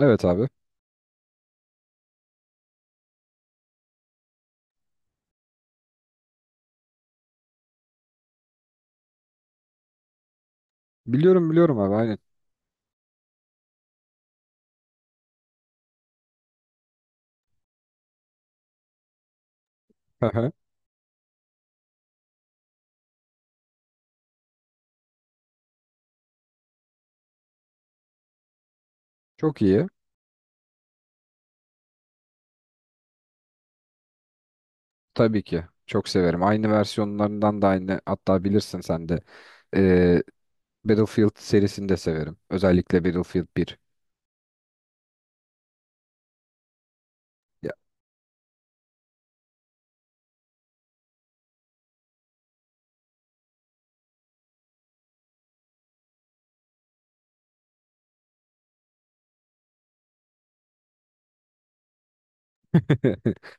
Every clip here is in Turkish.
Evet abi. Biliyorum abi aynen. Aha. Çok iyi. Tabii ki. Çok severim. Aynı versiyonlarından da aynı. Hatta bilirsin sen de. Ee, Battlefield serisini de severim. Özellikle Battlefield bir Ya-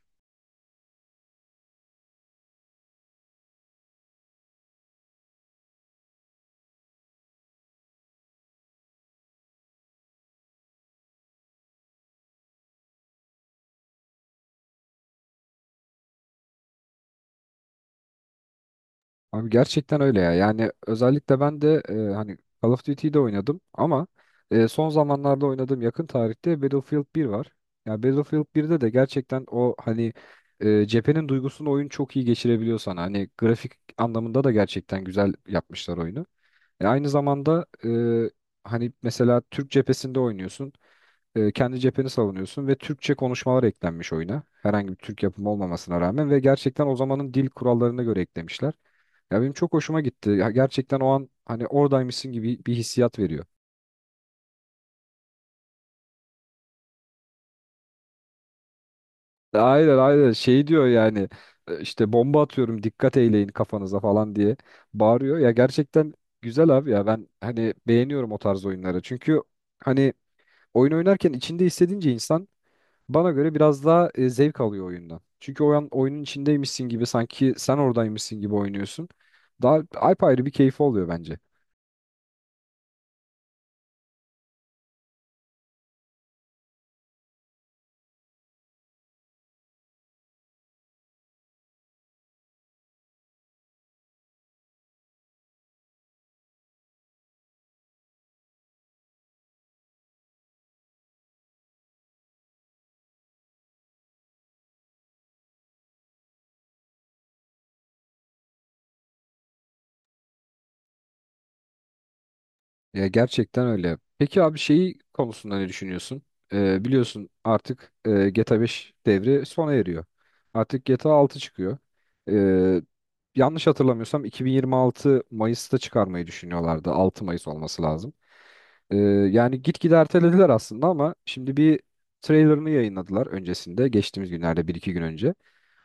Abi gerçekten öyle ya. Yani özellikle ben de hani Call of Duty'yi de oynadım ama son zamanlarda oynadığım yakın tarihte Battlefield bir var. Ya Battlefield birde de gerçekten o hani cephenin duygusunu oyun çok iyi geçirebiliyor sana. Hani grafik anlamında da gerçekten güzel yapmışlar oyunu. Aynı zamanda hani mesela Türk cephesinde oynuyorsun. Kendi cepheni savunuyorsun ve Türkçe konuşmalar eklenmiş oyuna. Herhangi bir Türk yapımı olmamasına rağmen ve gerçekten o zamanın dil kurallarına göre eklemişler. Ya benim çok hoşuma gitti. Ya gerçekten o an hani oradaymışsın gibi bir hissiyat veriyor. Aynen aynen şey diyor yani işte bomba atıyorum dikkat eyleyin kafanıza falan diye bağırıyor. Ya gerçekten güzel abi ya ben hani beğeniyorum o tarz oyunları. Çünkü hani oyun oynarken içinde hissedince insan. Bana göre biraz daha zevk alıyor oyundan. Çünkü oyun, oyunun içindeymişsin gibi sanki sen oradaymışsın gibi oynuyorsun. Daha apayrı bir keyfi oluyor bence. Ya gerçekten öyle. Peki abi şeyi konusunda ne düşünüyorsun? Biliyorsun artık GTA 5 devri sona eriyor. Artık GTA 6 çıkıyor. Ee, Yanlış hatırlamıyorsam 2026 Mayıs'ta çıkarmayı düşünüyorlardı. 6 Mayıs olması lazım. Ee, Yani gitgide ertelediler aslında ama şimdi bir trailerını yayınladılar öncesinde. Geçtiğimiz günlerde bir iki gün önce.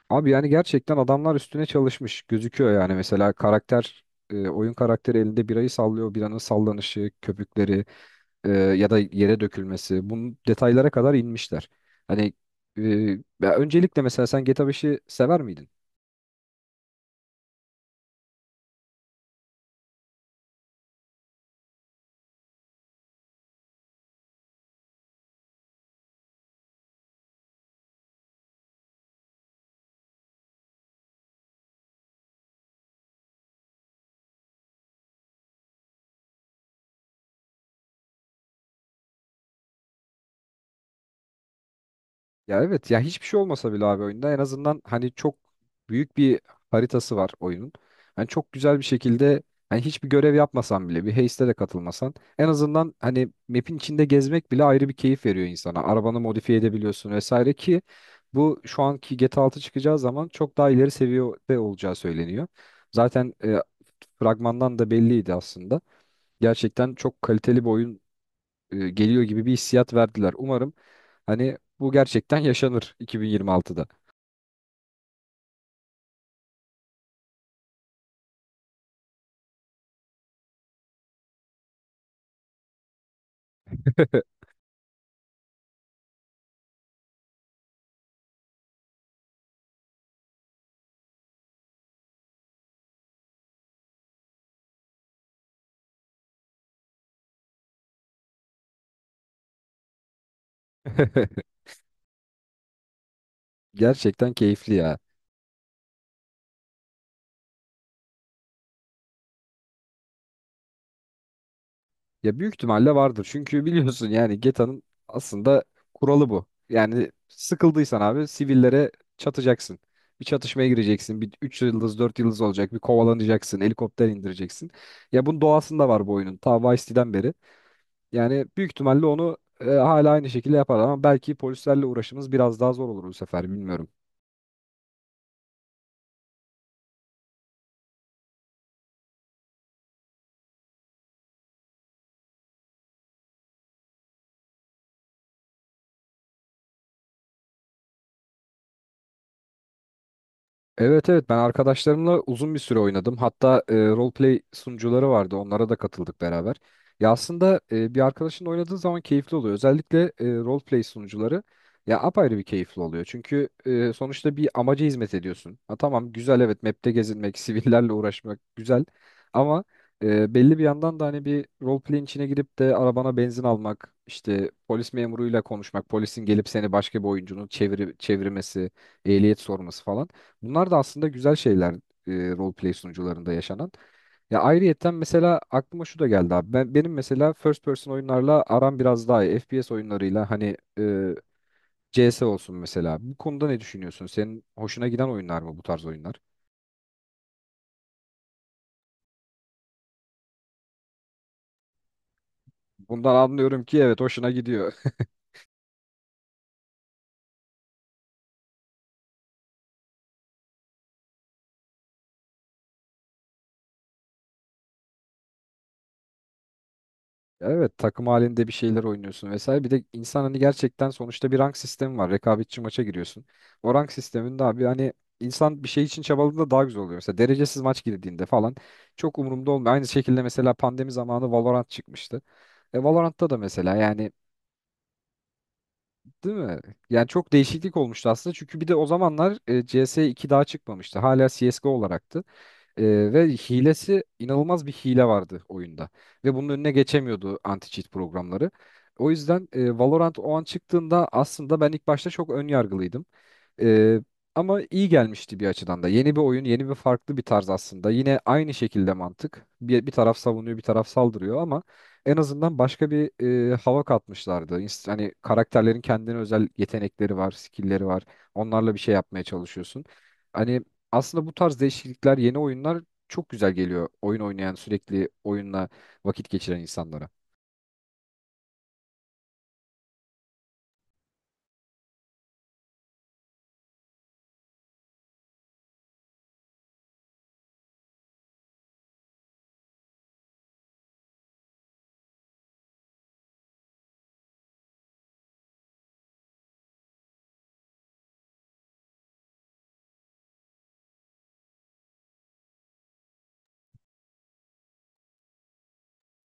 Abi yani gerçekten adamlar üstüne çalışmış gözüküyor yani mesela karakter oyun karakteri elinde birayı sallıyor biranın sallanışı köpükleri ya da yere dökülmesi bunun detaylara kadar inmişler. Hani e, ya öncelikle mesela sen GTA 5'i sever miydin? Ya evet ya hiçbir şey olmasa bile abi oyunda en azından hani çok büyük bir haritası var oyunun. Hani çok güzel bir şekilde hani hiçbir görev yapmasan bile bir heiste de katılmasan en azından hani map'in içinde gezmek bile ayrı bir keyif veriyor insana. Arabanı modifiye edebiliyorsun vesaire ki bu şu anki GTA 6 çıkacağı zaman çok daha ileri seviyede olacağı söyleniyor. Zaten fragmandan da belliydi aslında. Gerçekten çok kaliteli bir oyun geliyor gibi bir hissiyat verdiler. Umarım hani bu gerçekten yaşanır 2026'da. Gerçekten keyifli ya. Ya büyük ihtimalle vardır. Çünkü biliyorsun yani Geta'nın aslında kuralı bu. Yani sıkıldıysan abi sivillere çatacaksın. Bir çatışmaya gireceksin. Bir 3 yıldız 4 yıldız olacak. Bir kovalanacaksın. Helikopter indireceksin. Ya bunun doğasında var bu oyunun. Ta Vice City'den beri. Yani büyük ihtimalle onu hala aynı şekilde yapar ama belki polislerle uğraşımız biraz daha zor olur bu sefer bilmiyorum. Evet evet ben arkadaşlarımla uzun bir süre oynadım. Hatta roleplay sunucuları vardı. Onlara da katıldık beraber. Ya aslında bir arkadaşın oynadığı zaman keyifli oluyor. Özellikle roleplay sunucuları ya apayrı bir keyifli oluyor. Çünkü sonuçta bir amaca hizmet ediyorsun. Ha tamam güzel evet map'te gezinmek, sivillerle uğraşmak güzel. Ama belli bir yandan da hani bir roleplay'in içine girip de arabana benzin almak, işte polis memuruyla konuşmak, polisin gelip seni başka bir oyuncunun çevirmesi, ehliyet sorması falan. Bunlar da aslında güzel şeyler roleplay sunucularında yaşanan. Ya ayrıyetten mesela aklıma şu da geldi abi. Benim mesela first person oyunlarla aram biraz daha iyi. FPS oyunlarıyla hani CS olsun mesela. Bu konuda ne düşünüyorsun? Senin hoşuna giden oyunlar mı bu tarz oyunlar? Bundan anlıyorum ki evet hoşuna gidiyor. Ya evet takım halinde bir şeyler oynuyorsun vesaire. Bir de insan hani gerçekten sonuçta bir rank sistemi var. Rekabetçi maça giriyorsun. O rank sisteminde abi hani insan bir şey için çabaladığında daha güzel oluyor. Mesela derecesiz maç girdiğinde falan çok umurumda olmuyor. Aynı şekilde mesela pandemi zamanı Valorant çıkmıştı. Valorant'ta da mesela yani değil mi? Yani çok değişiklik olmuştu aslında. Çünkü bir de o zamanlar CS2 daha çıkmamıştı. Hala CSGO olaraktı. Ve hilesi inanılmaz bir hile vardı oyunda. Ve bunun önüne geçemiyordu anti-cheat programları. O yüzden Valorant o an çıktığında aslında ben ilk başta çok ön yargılıydım. Ee, Ama iyi gelmişti bir açıdan da. Yeni bir oyun, yeni bir farklı bir tarz aslında. Yine aynı şekilde mantık. Bir taraf savunuyor, bir taraf saldırıyor ama en azından başka bir hava katmışlardı. Hani karakterlerin kendine özel yetenekleri var, skill'leri var. Onlarla bir şey yapmaya çalışıyorsun. Hani aslında bu tarz değişiklikler, yeni oyunlar çok güzel geliyor. Oyun oynayan, sürekli oyunla vakit geçiren insanlara.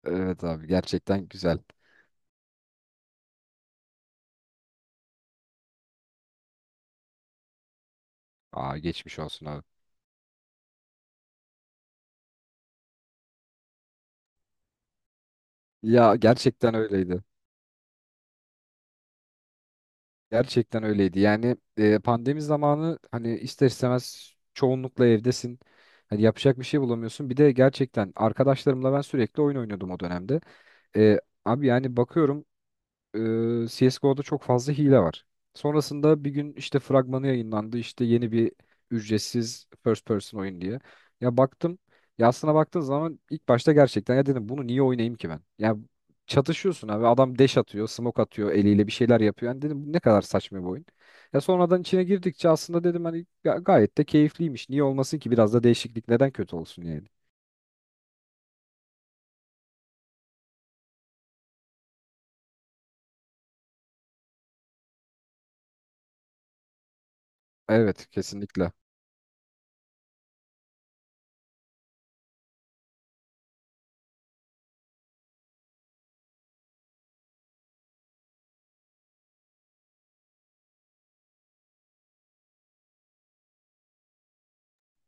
Evet abi gerçekten güzel. Aa geçmiş olsun abi. Ya gerçekten öyleydi. Gerçekten öyleydi. Yani pandemi zamanı hani ister istemez çoğunlukla evdesin. Hani yapacak bir şey bulamıyorsun. Bir de gerçekten arkadaşlarımla ben sürekli oyun oynuyordum o dönemde. E, Abi yani bakıyorum CSGO'da çok fazla hile var. Sonrasında bir gün işte fragmanı yayınlandı. İşte yeni bir ücretsiz first person oyun diye. Ya baktım. Ya aslına baktığın zaman ilk başta gerçekten ya dedim bunu niye oynayayım ki ben? Ya çatışıyorsun abi. Adam dash atıyor, smoke atıyor eliyle bir şeyler yapıyor. Yani dedim bu ne kadar saçma bir oyun. Ya sonradan içine girdikçe aslında dedim hani gayet de keyifliymiş. Niye olmasın ki biraz da değişiklik neden kötü olsun yani? Evet kesinlikle.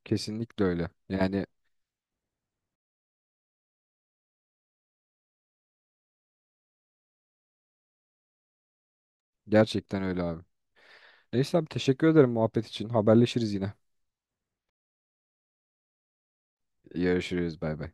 Kesinlikle öyle. Yani gerçekten öyle abi. Neyse abi teşekkür ederim muhabbet için. Haberleşiriz yine. Görüşürüz bay bay.